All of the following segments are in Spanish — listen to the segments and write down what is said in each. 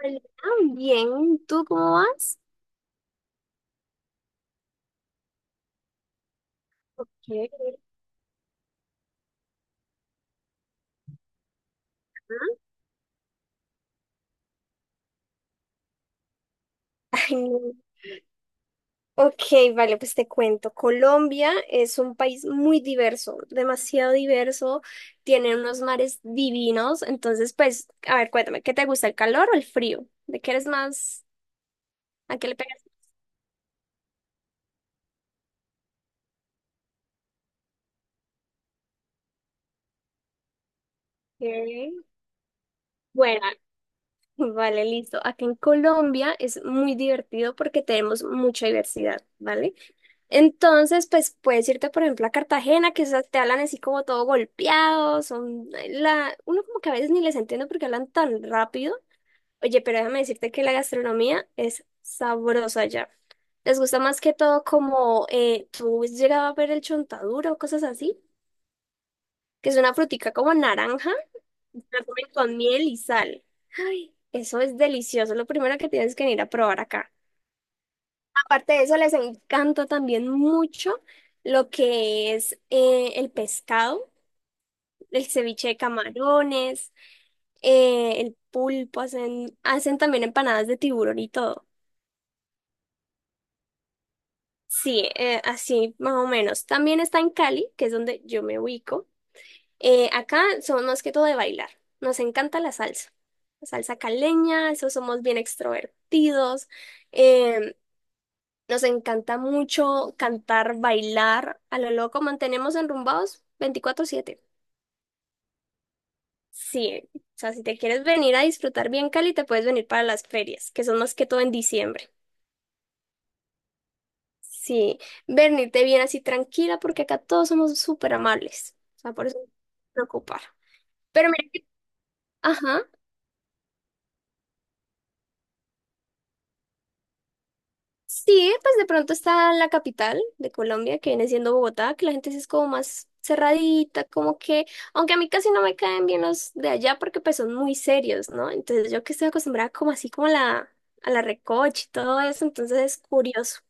Hola. Bien, ¿tú cómo vas? Chévere. Ay, no. Ok, vale, pues te cuento. Colombia es un país muy diverso, demasiado diverso, tiene unos mares divinos. Entonces, pues, a ver, cuéntame, ¿qué te gusta, el calor o el frío? ¿De qué eres más? ¿A qué le pegas? Ok. Bueno, vale, listo. Acá en Colombia es muy divertido porque tenemos mucha diversidad, ¿vale? Entonces, pues puedes irte, por ejemplo, a Cartagena, que esas te hablan así como todo golpeado. Son la... uno como que a veces ni les entiende porque hablan tan rápido. Oye, pero déjame decirte que la gastronomía es sabrosa allá. Les gusta más que todo como, tú has llegado a ver el chontaduro o cosas así, que es una frutica como naranja, la comen con miel y sal. Ay, eso es delicioso. Lo primero que tienes que ir a probar acá. Aparte de eso, les encanta también mucho lo que es, el pescado, el ceviche de camarones, el pulpo. Hacen también empanadas de tiburón y todo. Sí, así más o menos. También está en Cali, que es donde yo me ubico. Acá somos más que todo de bailar. Nos encanta la salsa. La salsa caleña, eso somos bien extrovertidos. Em, Nos encanta mucho cantar, bailar. A lo loco mantenemos enrumbados 24/7. Sí, o sea, si te quieres venir a disfrutar bien Cali, te puedes venir para las ferias, que son más que todo en diciembre. Sí, venirte bien así tranquila, porque acá todos somos súper amables. O sea, por eso no te preocupar. Pero mira que, ajá. Sí, pues de pronto está la capital de Colombia, que viene siendo Bogotá, que la gente sí es como más cerradita, como que, aunque a mí casi no me caen bien los de allá porque pues son muy serios, ¿no? Entonces yo que estoy acostumbrada como así como a a la recocha y todo eso, entonces es curioso.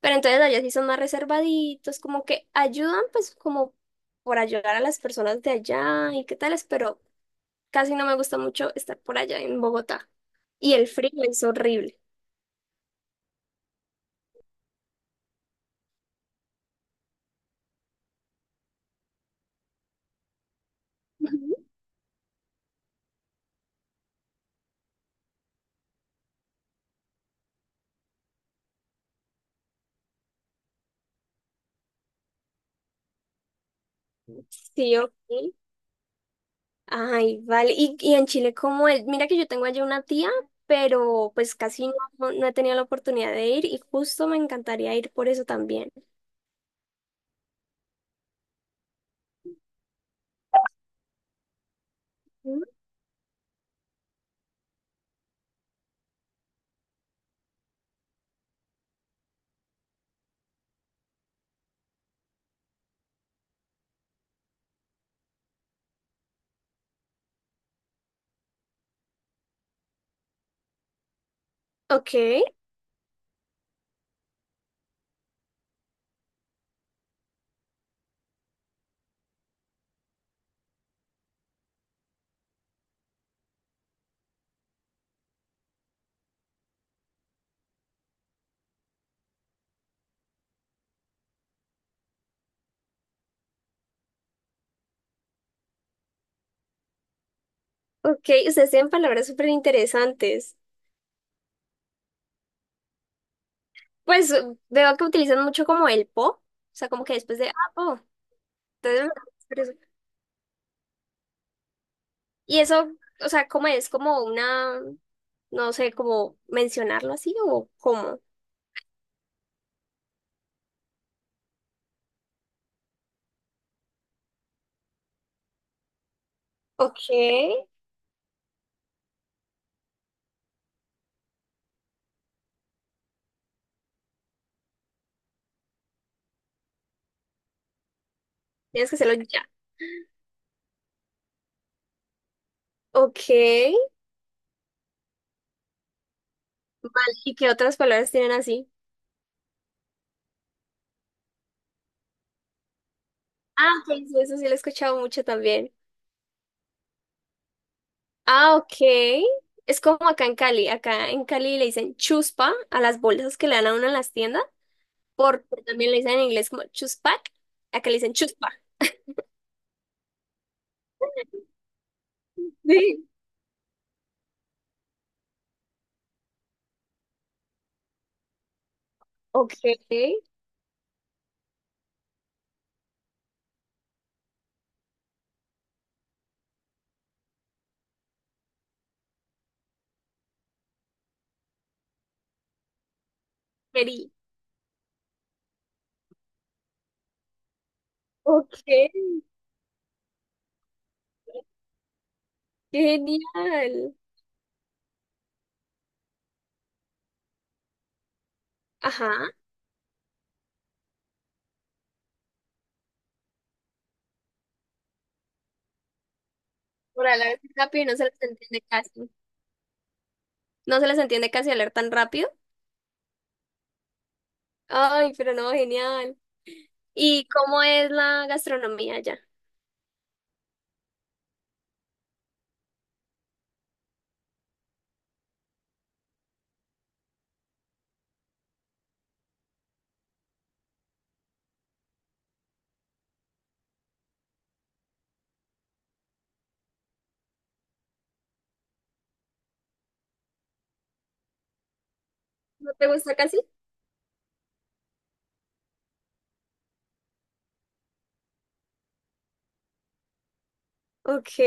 Pero entonces allá sí son más reservaditos, como que ayudan pues como por ayudar a las personas de allá y qué tales, pero casi no me gusta mucho estar por allá en Bogotá. Y el frío es horrible. Ujú. Sí, ok. Ay, vale. Y en Chile, como el... Mira que yo tengo allí una tía, pero pues casi no he tenido la oportunidad de ir y justo me encantaría ir por eso también. Mm. Ok, ok. Ustedes tienen palabras súper interesantes. Pues veo que utilizan mucho como el po, o sea, como que después de, ah, po. Entonces, pero y eso, o sea, ¿cómo es? Como una, no sé, como mencionarlo así o cómo. Ok. Tienes que hacerlo ya. Ok. Vale. ¿Y qué otras palabras tienen así? Ah, pues eso sí lo he escuchado mucho también. Ah, ok. Es como acá en Cali. Acá en Cali le dicen chuspa a las bolsas que le dan a uno en las tiendas, porque también le dicen en inglés como chuspac. Acá le dicen chuspa. Sí. Ok. Mary. Ok. Genial. Ajá. Por hablar tan rápido y no se las entiende casi. No se las entiende casi hablar tan rápido. Ay, pero no, genial. ¿Y cómo es la gastronomía allá? ¿No te gusta casi? Ok.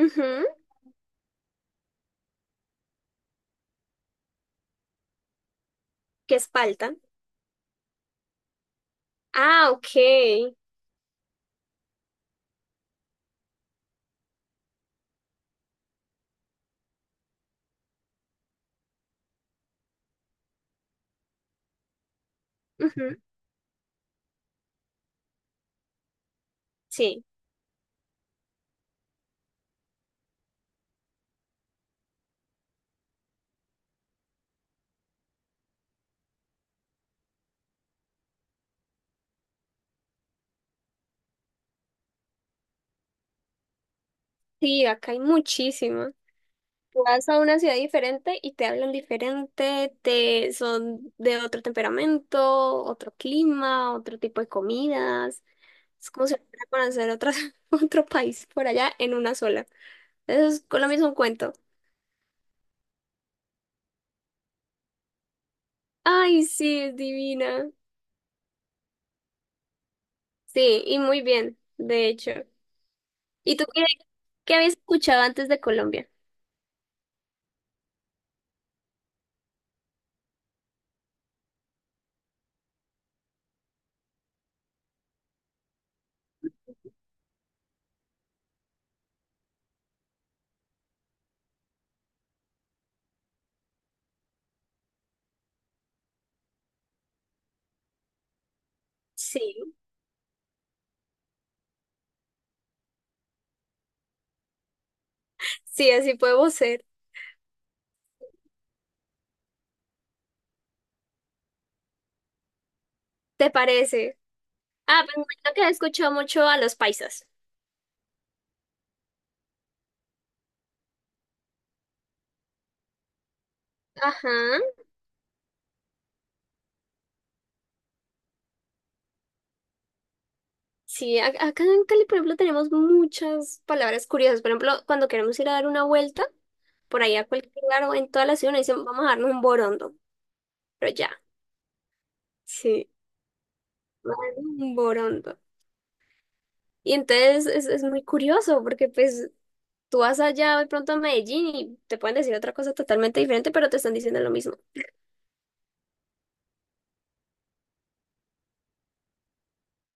Ujú. Que es palta. Ah, ok. Ujú. Sí, sí, acá hay muchísimo. Tú vas a una ciudad diferente y te hablan diferente, te son de otro temperamento, otro clima, otro tipo de comidas. Es como si fuera a conocer otra, otro país por allá en una sola. Eso es, Colombia es un cuento. Ay, sí, es divina. Sí, y muy bien, de hecho. ¿Y tú qué, qué habías escuchado antes de Colombia? Sí, sí, así podemos ser. ¿Te parece? Ah, pues imagino que has escuchado mucho a los paisas. Ajá. Sí, acá en Cali, por ejemplo, tenemos muchas palabras curiosas. Por ejemplo, cuando queremos ir a dar una vuelta, por ahí a cualquier lugar o en toda la ciudad, nos dicen, vamos a darnos un borondo. Pero ya, sí, vamos a darnos un borondo. Y entonces es muy curioso porque pues tú vas allá de pronto a Medellín y te pueden decir otra cosa totalmente diferente, pero te están diciendo lo mismo.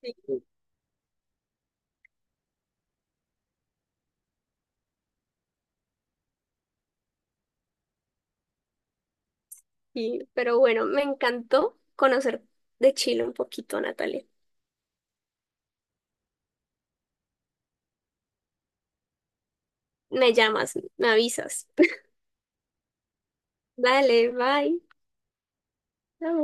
Sí. Sí, pero bueno, me encantó conocer de Chile un poquito, Natalia. Me llamas, me avisas. Dale, bye. Chao.